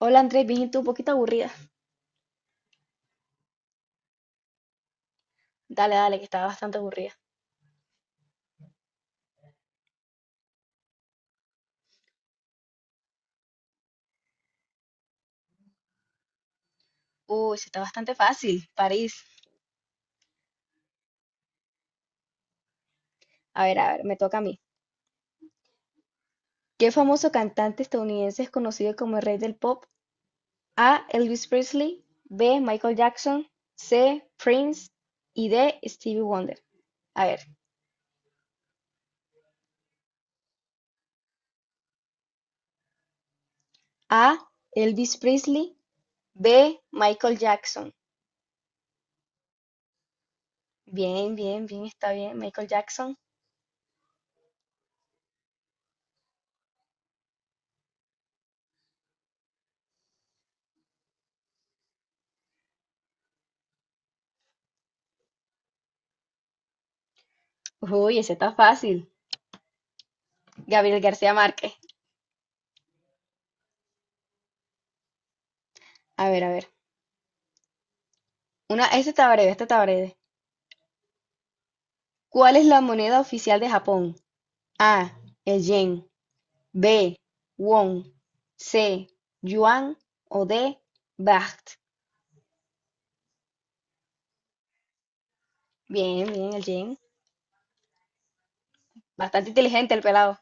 Hola Andrés, bien, ¿y tú? Un poquito aburrida. Dale, dale, que estaba bastante aburrida. Uy, sí está bastante fácil, París. A ver, me toca a mí. ¿Qué famoso cantante estadounidense es conocido como el rey del pop? A. Elvis Presley. B. Michael Jackson. C. Prince. Y D. Stevie Wonder. A ver. A. Elvis Presley. B. Michael Jackson. Bien, bien, bien, está bien. Michael Jackson. Uy, ese está fácil. Gabriel García Márquez. A ver, a ver. Una, este está breve, este está breve. ¿Cuál es la moneda oficial de Japón? A, el yen, B, won, C, yuan o D, baht. Bien, bien, el yen. Bastante inteligente el pelado.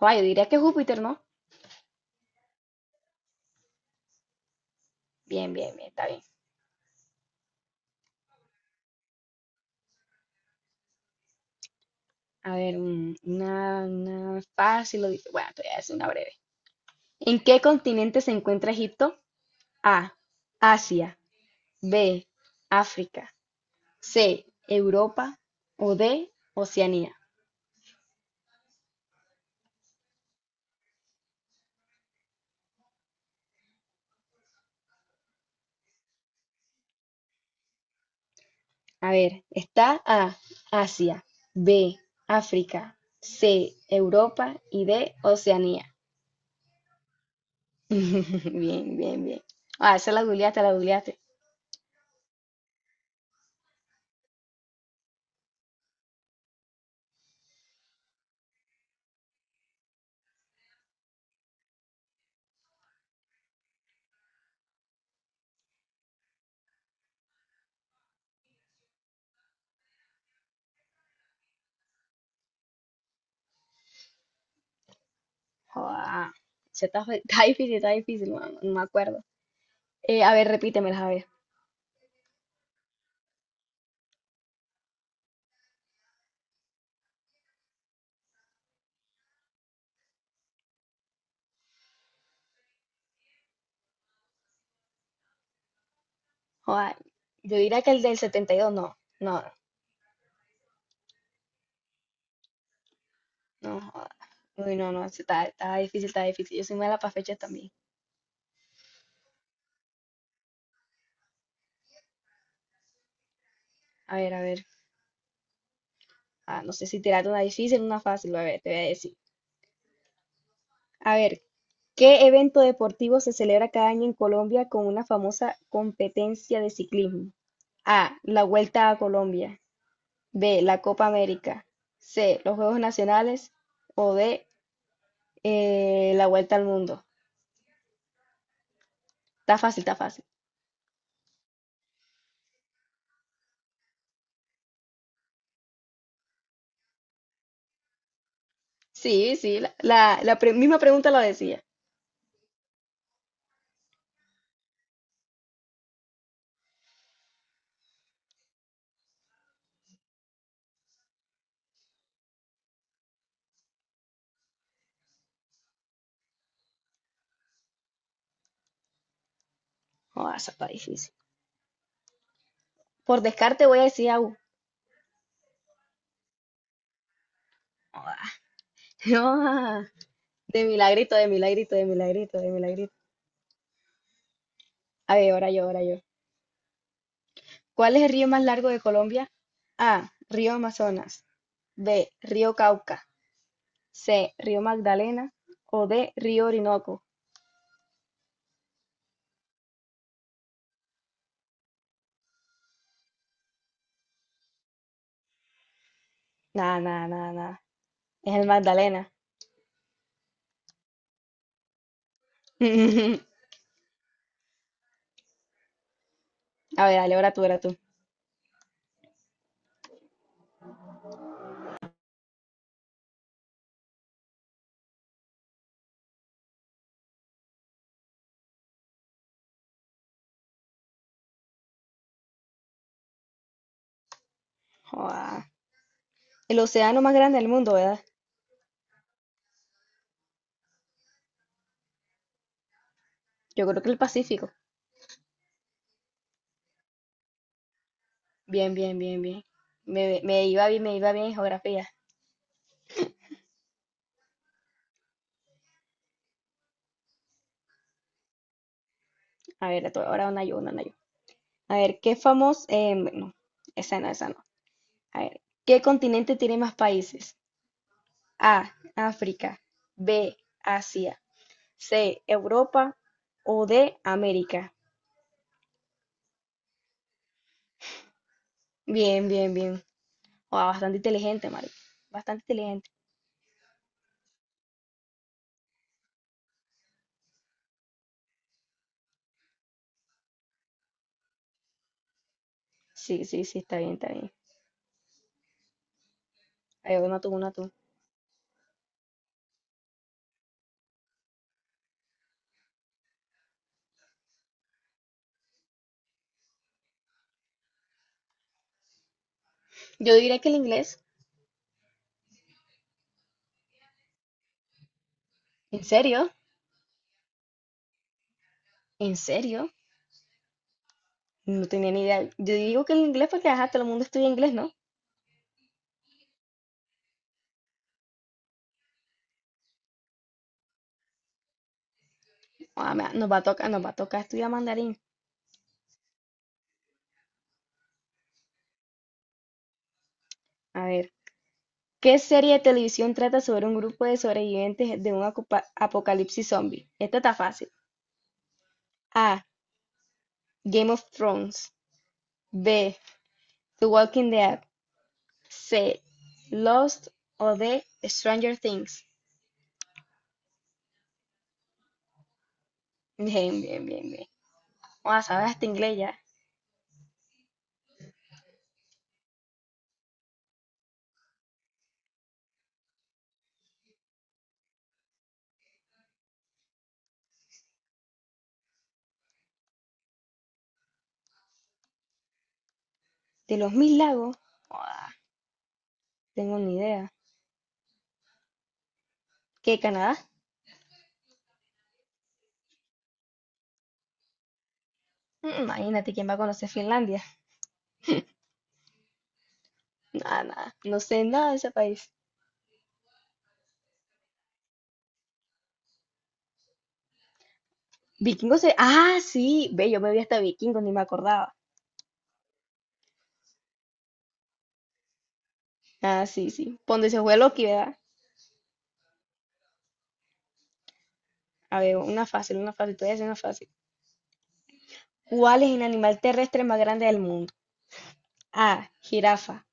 Joder, yo diría que Júpiter, ¿no? Bien, bien, bien, está bien. A ver, una fácil. Bueno, te voy a hacer una breve. ¿En qué continente se encuentra Egipto? A, Asia, B, África, C, Europa o D, Oceanía. A ver, está A, Asia, B, África, C, Europa y D, Oceanía. Bien, bien, bien. Ah, esa la googleaste, la googleaste. Joda, esa está, está difícil, no, no me acuerdo. A ver, repítemelas, a ver. Joda, yo diría que el del 72 no, no, no, joda. Uy, no, no, esa está, está difícil, está difícil. Yo soy mala para fechas también. A ver, a ver. Ah, no sé si tirarte una difícil o una fácil, a ver, te voy a decir. A ver, ¿qué evento deportivo se celebra cada año en Colombia con una famosa competencia de ciclismo? A. La Vuelta a Colombia. B. La Copa América. C. Los Juegos Nacionales. O D. la Vuelta al Mundo. Está fácil, está fácil. Sí, sí, la misma pregunta la decía. Oh, esa está difícil. Por descarte voy a decir agua. De milagrito, de milagrito, de milagrito, de milagrito. A ver, ahora yo, ahora yo. ¿Cuál es el río más largo de Colombia? A. Río Amazonas. B. Río Cauca. C. Río Magdalena. O D. Río Orinoco. Nada, nada, nada, nada. Es el Magdalena. A ver, dale, ahora tú, ahora tú. Joda. El océano más grande del mundo, ¿verdad? Yo creo que el Pacífico. Bien, bien, bien, bien. Me iba bien, me iba bien en geografía. A ver, tú, ahora una yo, una yo. A ver, ¿qué famoso? No, esa no, esa no. A ver, ¿qué continente tiene más países? A, África; B, Asia; C, Europa o D, América. Bien, bien, bien. Wow, bastante inteligente, Mari. Bastante inteligente. Sí, sí, sí, está bien, está bien. Ahí va una tú, una tú. Yo diría que el inglés. ¿En serio? ¿En serio? No tenía ni idea. Yo digo que el inglés porque ajá, todo el mundo estudia inglés, ¿no? Ah, nos va a tocar, nos va a tocar estudiar mandarín. A ver. ¿Qué serie de televisión trata sobre un grupo de sobrevivientes de un apocalipsis zombie? Esta está fácil. A. Game of Thrones; b. The Walking Dead; c. Lost o d. Stranger Things. Bien, bien, bien, bien. Joda, sabes hasta inglés ya. De los mil lagos, joda, tengo ni idea. ¿Qué, Canadá? Mm, imagínate quién va a conocer Finlandia. Nada, nada. No sé nada de ese país. Vikingos se. Ah, sí. Ve, yo me vi hasta vikingos, ni me acordaba. Ah, sí, sí. Ponte se fue Loki, ¿verdad? A ver, una fácil, una fácil. Todavía es una fácil. ¿Cuál es el animal terrestre más grande del mundo? A. Jirafa.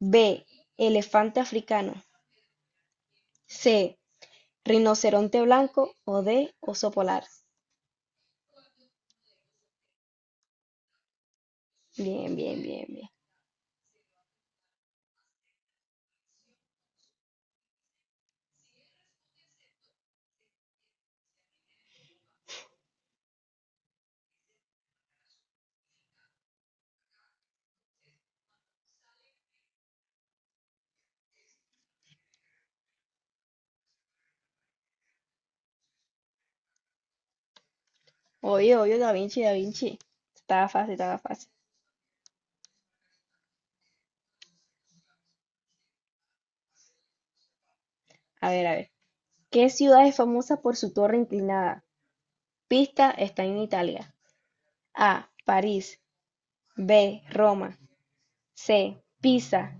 B. Elefante africano. C. Rinoceronte blanco. O D. Oso polar. Bien, bien, bien, bien. Oye, oye, Da Vinci, Da Vinci. Estaba fácil, estaba fácil. A ver, a ver. ¿Qué ciudad es famosa por su torre inclinada? Pista, está en Italia. A. París. B. Roma. C. Pisa.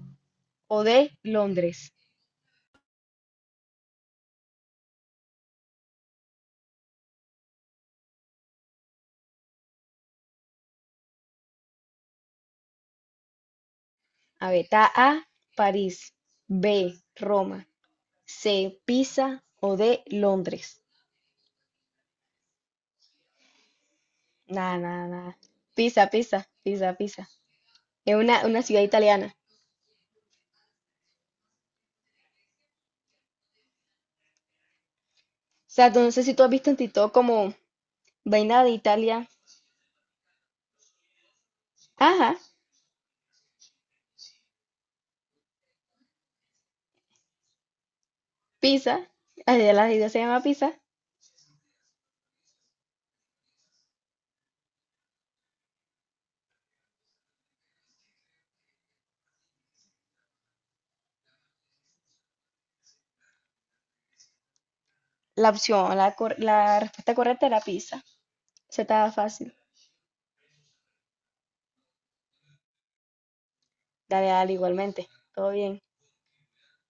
O D. Londres. A ver, está A. París. B. Roma. C. Pisa. O D. Londres. Nada, nada, nada. Pisa, pisa, pisa, pisa. Es una ciudad italiana. O sea, no sé si tú has visto en TikTok como vaina de Italia. Ajá, pizza. Allá la ciudad se llama pizza. La opción, la respuesta correcta era pizza. Se estaba fácil. Dale, dale, igualmente. Todo bien.